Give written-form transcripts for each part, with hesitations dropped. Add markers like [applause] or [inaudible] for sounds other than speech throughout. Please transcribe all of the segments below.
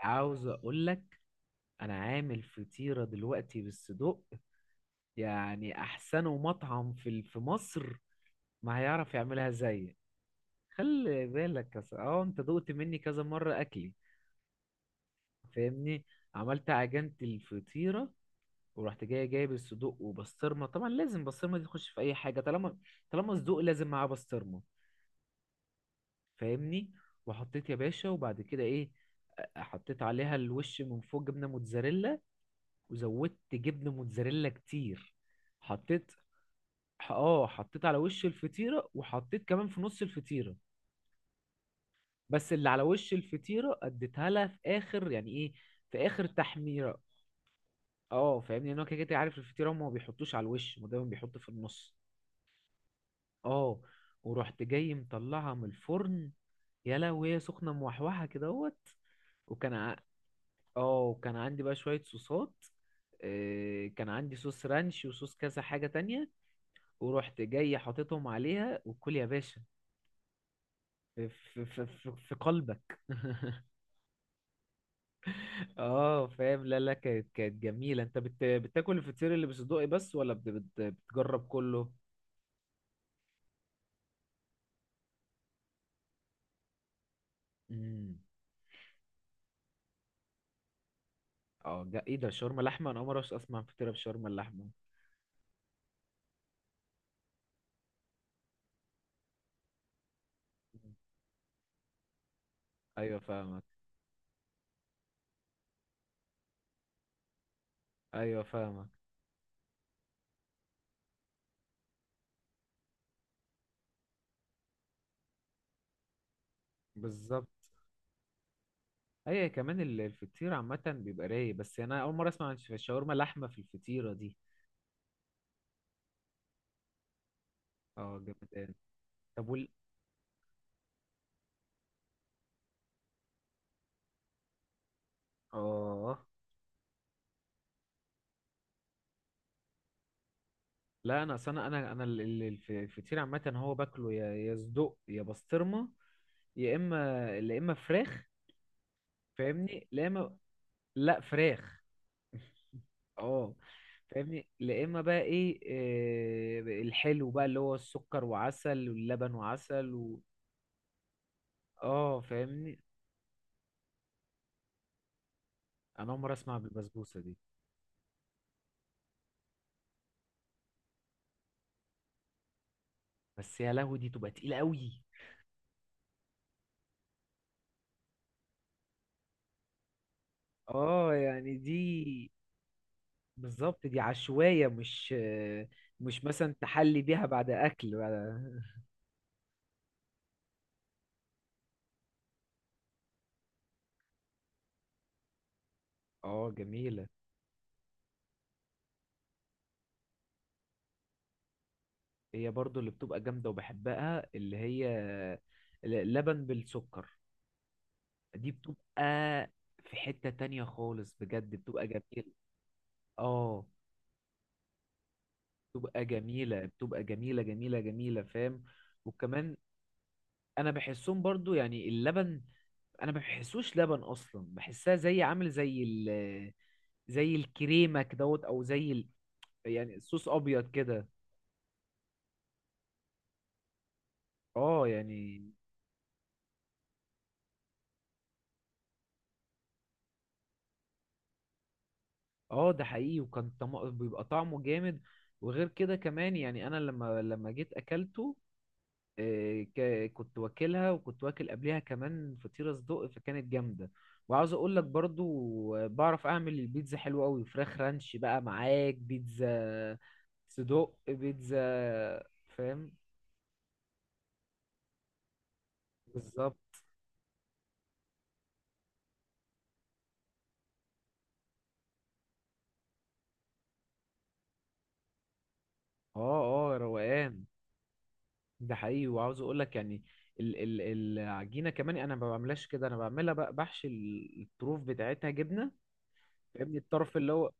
عاوز اقول لك انا عامل فطيرة دلوقتي بالصدق. يعني احسن مطعم في في مصر ما هيعرف يعملها زيي. خلي بالك يا اه، انت دقت مني كذا مرة اكلي. فاهمني. عملت عجينة الفطيرة ورحت جاي جايب الصدوق وبسطرمة، طبعا لازم بسطرمة دي تخش في اي حاجة. طالما صدوق لازم معاه بسطرمة. فاهمني. وحطيت يا باشا، وبعد كده ايه، حطيت عليها الوش من فوق جبنة موتزاريلا. وزودت جبنه موتزاريلا كتير. حطيت اه، حطيت على وش الفطيره وحطيت كمان في نص الفطيره. بس اللي على وش الفطيره اديتها لها في اخر، يعني ايه، في اخر تحميره. اه، فاهمني، لان هو كده كده عارف الفطيره، هما ما بيحطوش على الوش، هما دايما بيحطوا في النص. اه، ورحت جاي مطلعها من الفرن، يا لهوي وهي سخنه موحوحه كده اهوت. وكان ع... اه، وكان عندي بقى شويه صوصات. كان عندي صوص رانش وصوص كذا حاجه تانية. ورحت جاي حاططهم عليها، وكل يا باشا في قلبك. [laughs] اه، فاهم. لا لا، كانت جميلة. انت بتاكل الفطير اللي بصدقي بس ولا بت بت بتجرب كله؟ امم. ايه ده، شاورما لحمة؟ انا اول مرة اسمع فطيرة بشاورما اللحمة. مم. ايوه، فاهمك. ايوه، فاهمك. بالظبط. ايوه، كمان الفطير عامة بيبقى رايق، بس انا اول مرة اسمع عن الشاورما لحمة في الفطيرة دي. اه، جامد أوي. طب وال اه لا، انا اصل انا الفطير عامه هو باكله، يا صدق يا بسطرمه، يا اما فراخ. فاهمني. لا، اما. لا، فراخ. [laughs] اه، فاهمني. لا، اما بقى ايه، الحلو بقى اللي هو السكر وعسل، واللبن وعسل. اه، فاهمني. انا اول مره اسمع بالبسبوسه دي. بس يا لهوي دي تبقى تقيله قوي. اه، يعني دي بالظبط دي عشوائيه، مش مش مثلا تحلي بيها بعد اكل بعد. اه، جميلة. هي برضو اللي بتبقى جامدة وبحبها، اللي هي لبن بالسكر. دي بتبقى في حتة تانية خالص، بجد بتبقى جميلة. اه، بتبقى جميلة، بتبقى جميلة جميلة جميلة. فاهم. وكمان انا بحسهم برضو، يعني اللبن انا ما بحسوش لبن اصلا، بحسها زي عامل زي زي الكريمة كدهوت، او زي ال يعني صوص ابيض كده. اه، يعني. اه، ده حقيقي. بيبقى طعمه جامد. وغير كده كمان، يعني انا لما جيت اكلته، كنت واكلها وكنت واكل قبلها كمان فطيرة صدق، فكانت جامدة. وعاوز اقول لك برضو، بعرف اعمل البيتزا حلوة قوي، فراخ رانش بقى معاك بيتزا. صدق بيتزا. فاهم. بالظبط. اه اه، روقان. ده حقيقي. وعاوز اقول لك يعني، ال العجينه كمان انا ما بعملهاش كده، انا بعملها بقى بحشي الطروف بتاعتها جبنه. فاهمني، الطرف اللي هو،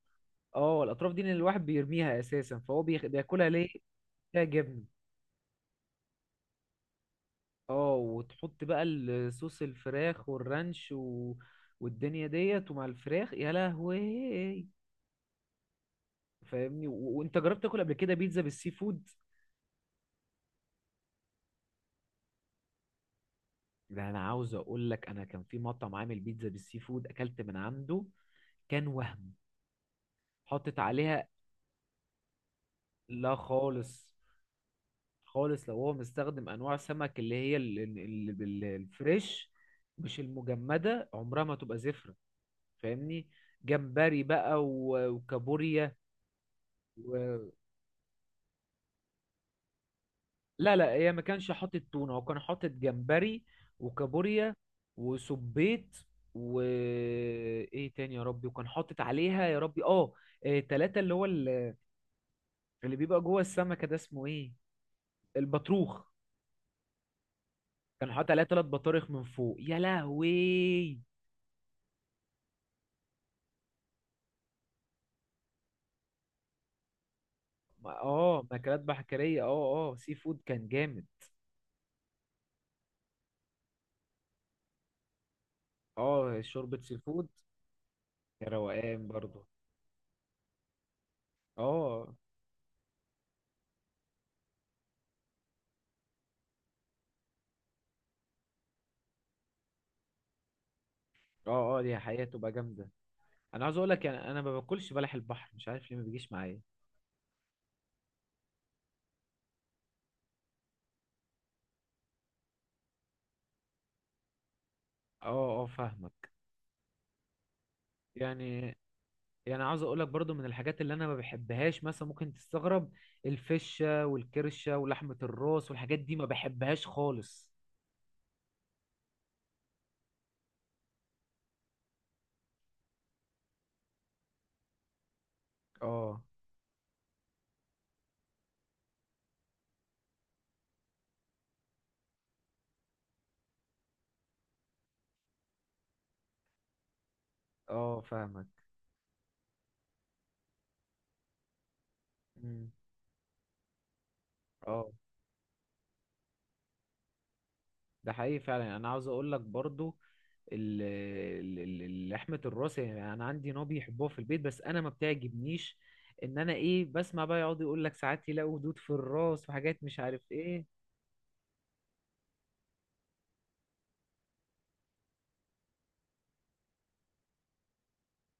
اه الاطراف دي اللي الواحد بيرميها اساسا، فهو بياكلها ليه؟ فيها جبن. اه، وتحط بقى الصوص، الفراخ والرانش، والدنيا ديت، ومع الفراخ يا لهوي. فاهمني. وانت جربت تاكل قبل كده بيتزا بالسي فود؟ ده انا عاوز اقول لك، انا كان في مطعم عامل بيتزا بالسي فود، اكلت من عنده. كان وهم. حطت عليها. لا، خالص. خالص، لو هو مستخدم انواع سمك اللي هي الفريش، مش المجمده، عمرها ما تبقى زفره. فاهمني. جمبري بقى وكابوريا و... لا لا، هي ما كانش حاطط تونه، هو كان حاطط جمبري وكابوريا وسبيط، و ايه تاني يا ربي، وكان حاطط عليها يا ربي، اه إيه، تلاتة، اللي هو، اللي بيبقى جوه السمكه ده اسمه ايه، البطروخ. كان حاطط عليها 3 بطارخ من فوق، يا لهوي. اه، مأكولات بحرية، اه اه سي فود، كان جامد. اه، شوربة سي فود. يا روقان برضو. اه. اه اه، دي حقيقة تبقى جامدة. انا عاوز اقول لك يعني، انا ما باكلش بلح البحر، مش عارف ليه ما بيجيش معايا. اه اه، فاهمك. يعني، يعني عاوز اقول لك برضو، من الحاجات اللي انا ما بحبهاش مثلا، ممكن تستغرب، الفشة والكرشة ولحمة الراس والحاجات دي، ما بحبهاش خالص. اه اه، فاهمك. مم. اه، ده حقيقي فعلا، يعني انا عاوز اقول لك برضو، لحمة الراس، يعني انا عندي نوع بيحبوها في البيت بس انا ما بتعجبنيش، ان انا ايه بسمع بقى، يقعد يقول لك ساعات يلاقوا دود في الراس وحاجات مش عارف ايه.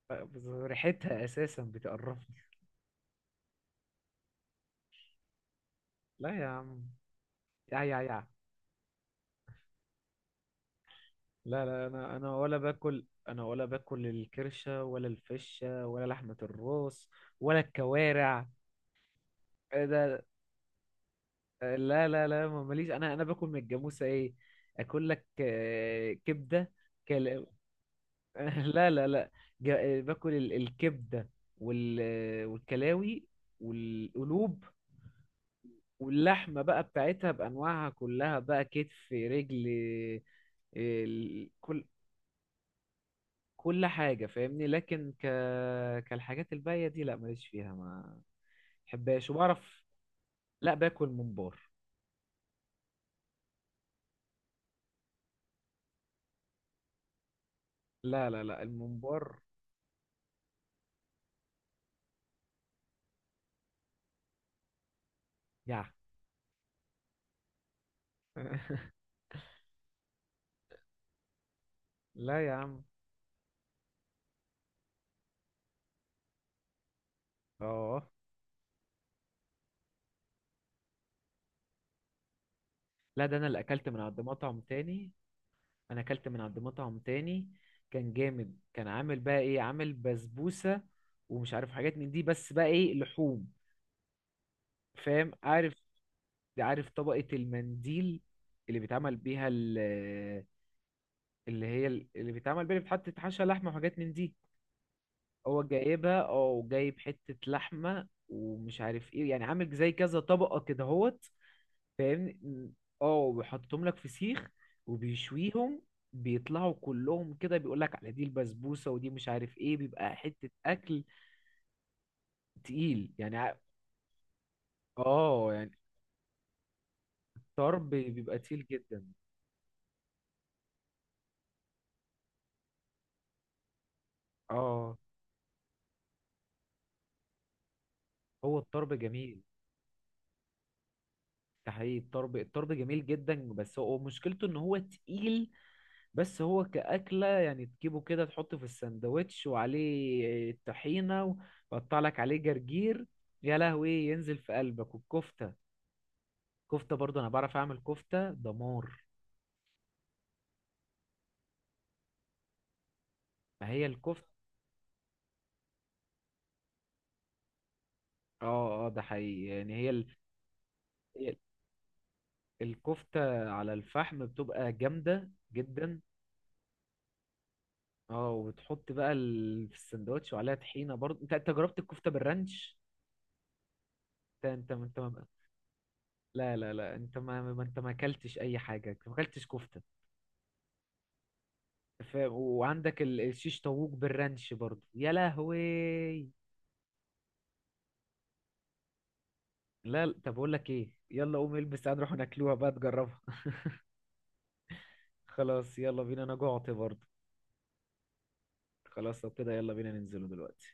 بس ريحتها اساسا بتقرفني. لا يا عم. يا يا يا لا لا، انا ولا باكل، انا ولا باكل الكرشة ولا الفشة ولا لحمة الراس، ولا الكوارع. إيه ده. لا لا لا، ماليش. انا باكل من الجاموسة ايه، اكل لك كبدة. [laughs] لا لا لا. باكل الكبده، والكلاوي والقلوب، واللحمه بقى بتاعتها بانواعها كلها بقى، كتف، رجل، كل، كل حاجه فاهمني، لكن كالحاجات الباقيه دي، لا، ماليش فيها، ما بحبهاش وبعرف. لا، باكل ممبار. لا لا لا، الممبار يع [laughs] لا يا عم، اه لا، ده انا اللي اكلت من عند مطعم تاني. انا اكلت من عند مطعم تاني، كان جامد، كان عامل بقى ايه، عامل بسبوسة، ومش عارف حاجات من دي، بس بقى ايه، لحوم. فاهم؟ عارف عارف طبقة المنديل، اللي بيتعمل بيها ال- اللي هي اللي بيتعمل بيها، اللي بتحط تحشى لحمة وحاجات من دي، هو جايبها او جايب حتة لحمة ومش عارف ايه، يعني عامل زي كذا طبقة كده اهوت. فاهمني. اه، وبيحطهم لك في سيخ وبيشويهم، بيطلعوا كلهم كده، بيقول لك على دي البسبوسه ودي مش عارف ايه، بيبقى حته اكل تقيل يعني. اه، يعني الطرب بيبقى تقيل جدا. اه، هو الطرب جميل، ده حقيقي. الطرب جميل جدا، بس هو مشكلته ان هو تقيل. بس هو كأكلة يعني، تجيبه كده تحطه في الساندوتش وعليه طحينة، وقطع لك عليه جرجير، يا لهوي ينزل في قلبك. والكفتة. كفتة برضو انا بعرف اعمل كفتة دمار. ما هي الكفتة. اه اه، ده حقيقي، يعني هي هي الكفتة على الفحم بتبقى جامدة جدا. اه، وبتحط بقى في السندوتش وعليها طحينة برضو. انت جربت الكفتة بالرانش؟ انت انت انت ما... لا لا لا، انت ما انت ما اكلتش اي حاجة، ما اكلتش كفتة. وعندك الشيش طاووق بالرانش برضو، يا لهوي. لا لا، طب اقول لك ايه، يلا قوم البس تعال نروح ناكلوها بقى تجربها. [laughs] خلاص يلا بينا، انا جوعت برضو. خلاص، طب كده يلا بينا ننزله دلوقتي.